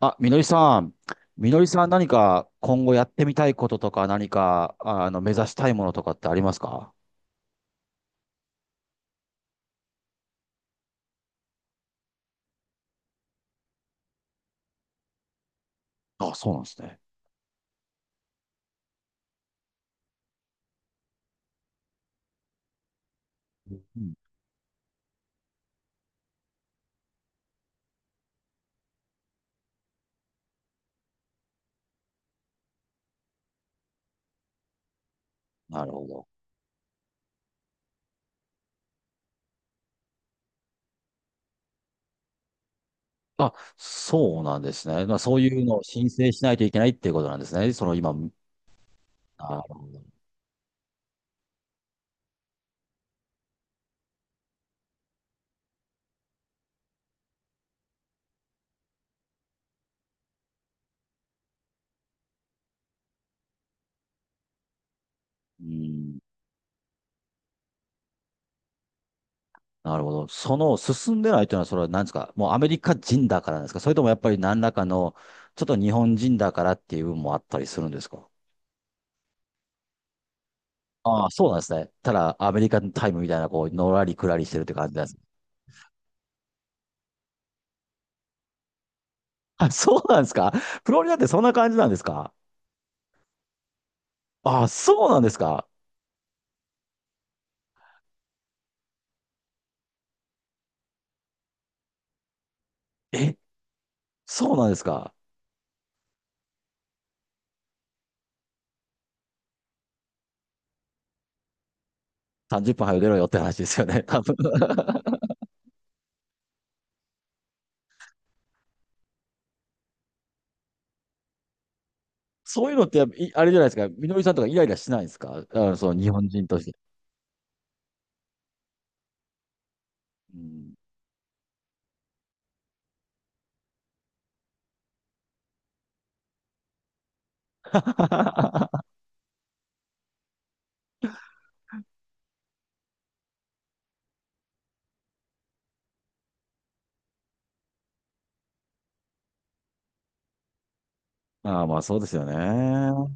あ、みのりさん。みのりさん何か今後やってみたいこととか何か、目指したいものとかってありますか？あ、そうなんですね。うん、なるほど。あ、そうなんですね。まあ、そういうのを申請しないといけないっていうことなんですね。その今、あ、うん、なるほど。その進んでないというのは、それは何ですか？もうアメリカ人だからなんですか？それともやっぱり何らかの、ちょっと日本人だからっていう部分もあったりするんですか？ああ、そうなんですね。ただ、アメリカンタイムみたいな、こう、のらりくらりしてるって感じなんです。あ、そうなんですか？フロリダってそんな感じなんですか？あ、そうなんですか？え、そうなんですか？ 30 分早く出ろよって話ですよね。多分。 そういうのってい、あれじゃないですか。みのりさんとかイライラしないんですか？そう、日本人として。うん。 ああ、まあそうですよね。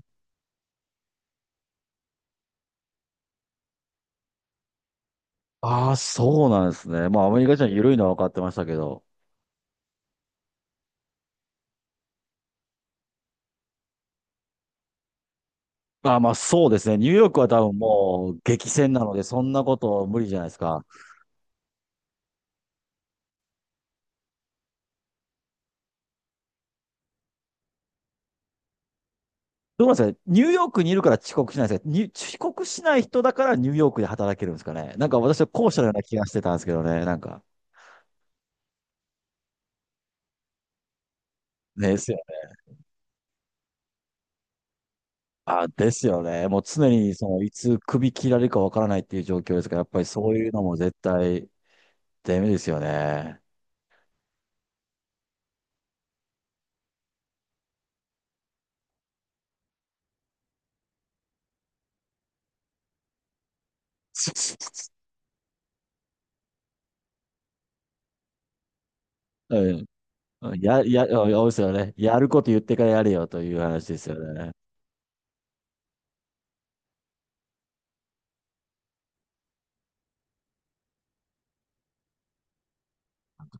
ああ、そうなんですね。まあアメリカ人は緩いのは分かってましたけど。ああ、まあそうですね。ニューヨークは多分もう激戦なので、そんなこと無理じゃないですか。どうなんですかね？ニューヨークにいるから遅刻しないんですか？に遅刻しない人だからニューヨークで働けるんですかね？なんか私は後者のような気がしてたんですけどね。なんか。ですよ。あ、ですよね。もう常にそのいつ首切られるかわからないっていう状況ですから、やっぱりそういうのも絶対ダメですよね。うん。や、や、うですよね。やること言ってからやれよという話ですよね。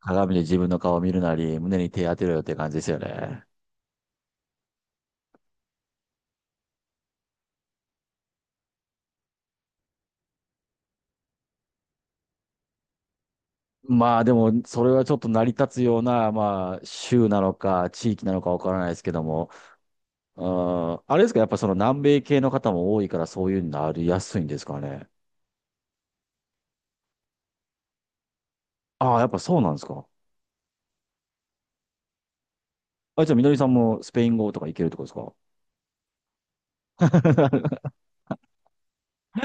鏡で自分の顔を見るなり、胸に手当てろよって感じですよね。まあでも、それはちょっと成り立つような、まあ、州なのか、地域なのかわからないですけども、うん、あれですか、やっぱその南米系の方も多いから、そういうのなりやすいんですかね。ああ、やっぱそうなんですか。あ、じゃあ、みのりさんもスペイン語とかいけるってことですか？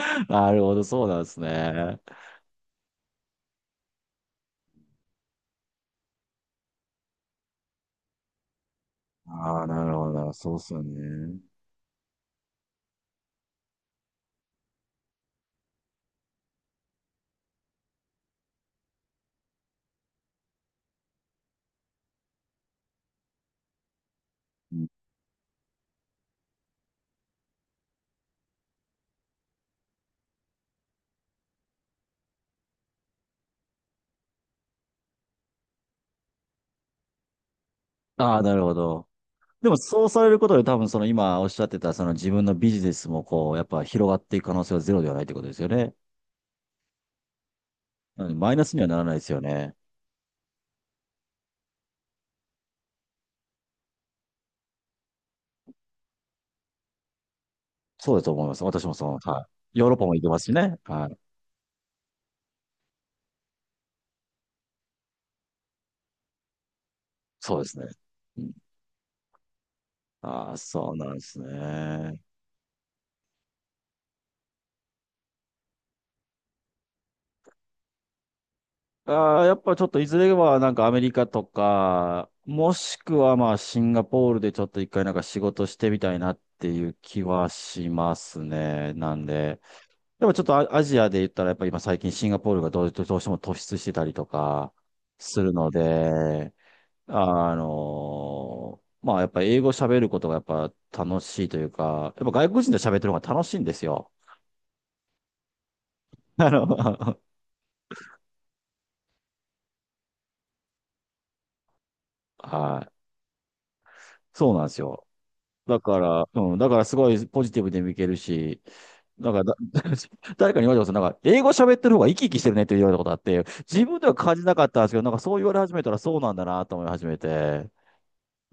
なるほど、そうなんですね。ああ、なるほど、そうっすよね。ああ、なるほど。でも、そうされることで、多分、その今おっしゃってた、その自分のビジネスも、こう、やっぱ広がっていく可能性はゼロではないってことですよね。なのでマイナスにはならないですよね。そうだと思います。私もその、はい。ヨーロッパも行けますしね。はい。そうですね。うん、ああ、そうなんですね。ああ、やっぱちょっといずれはなんかアメリカとか、もしくはまあシンガポールでちょっと一回なんか仕事してみたいなっていう気はしますね。なんで。でもちょっとア、アジアで言ったらやっぱ今最近シンガポールがどうしても突出してたりとかするので、あのーまあ、やっぱ英語喋ることがやっぱ楽しいというか、やっぱ外国人と喋ってる方が楽しいんですよ。あの、はい。そうなんですよ。だから、うん、だからすごいポジティブで見けるし、だからだ、誰かに言われたことなんか、英語喋ってる方が生き生きしてるねって言われたことあって、自分では感じなかったんですけど、なんかそう言われ始めたらそうなんだなと思い始めて、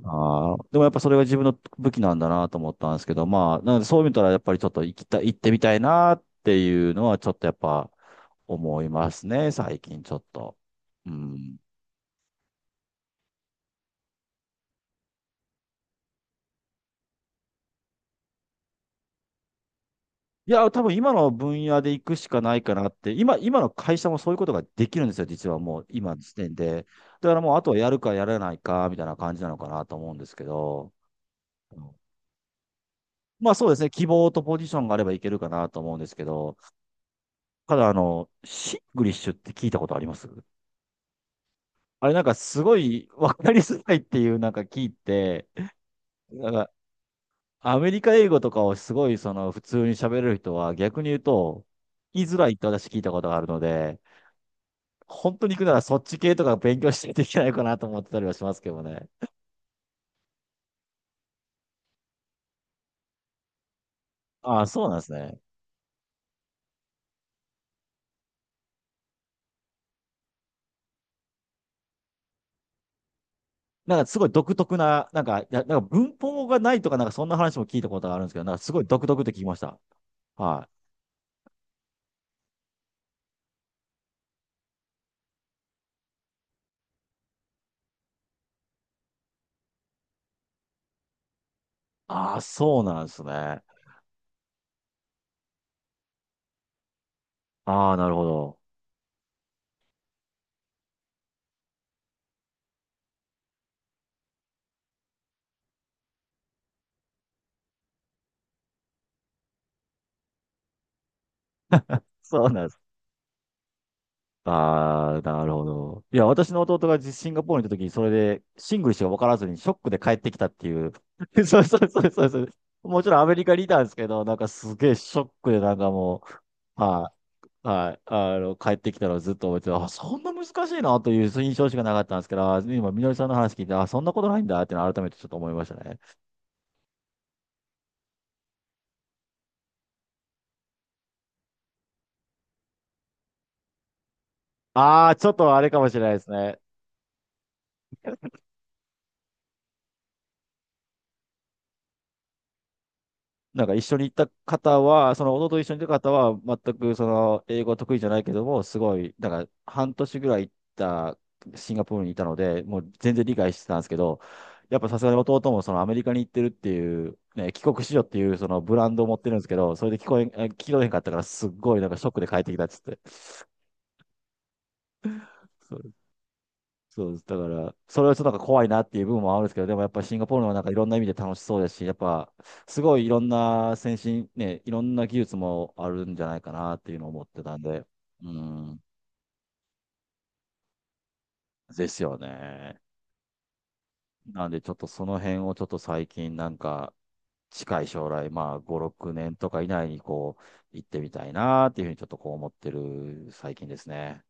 ああ、でもやっぱそれが自分の武器なんだなと思ったんですけど、まあ、なのでそう見たらやっぱりちょっと行きたい、行ってみたいなっていうのはちょっとやっぱ思いますね、最近ちょっと。うん。いや、多分今の分野で行くしかないかなって、今、今の会社もそういうことができるんですよ、実はもう今の時点で。だからもうあとはやるかやらないかみたいな感じなのかなと思うんですけど。うん、まあそうですね、希望とポジションがあればいけるかなと思うんですけど、ただシングリッシュって聞いたことあります？あれなんかすごい分かりづらいっていうなんか聞いて、なんかアメリカ英語とかをすごいその普通に喋れる人は逆に言うと、言いづらいって私聞いたことがあるので、本当に行くならそっち系とか勉強していといけないかなと思ってたりはしますけどね。ああ、そうなんですね。なんかすごい独特な、なんか、いやなんか文法がないとかなんかそんな話も聞いたことがあるんですけど、なんかすごい独特って聞きました。はい。ああ、そうなんですね。ああ、なるほど。そうなんですね。ああ、なるほど。いや、私の弟がシンガポールに行った時に、それでシングルしか分からずにショックで帰ってきたっていう。そうそうそうそうそう。もちろんアメリカにいたんですけど、なんかすげえショックでなんかもう、はい、はい、帰ってきたのをずっと思ってて、あ、そんな難しいなという印象しかなかったんですけど、あ今、みのりさんの話聞いて、あ、そんなことないんだっていうのを改めてちょっと思いましたね。ああ、ちょっとあれかもしれないですね。なんか一緒に行った方は、その弟と一緒に行った方は、全くその英語は得意じゃないけども、すごい、なんか半年ぐらい行ったシンガポールにいたので、もう全然理解してたんですけど、やっぱさすがに弟もそのアメリカに行ってるっていう、ね、帰国子女っていうそのブランドを持ってるんですけど、それで聞こえん、え聞き取れへんかったから、すっごいなんかショックで帰ってきたっつって。そうです。だから、それはちょっとなんか怖いなっていう部分もあるんですけど、でもやっぱシンガポールのなんかいろんな意味で楽しそうですし、やっぱすごいいろんな先進、ね、いろんな技術もあるんじゃないかなっていうのを思ってたんで、うん、ですよね。なんでちょっとその辺をちょっと最近なんか近い将来、まあ5、6年とか以内にこう行ってみたいなっていうふうにちょっとこう思ってる最近ですね。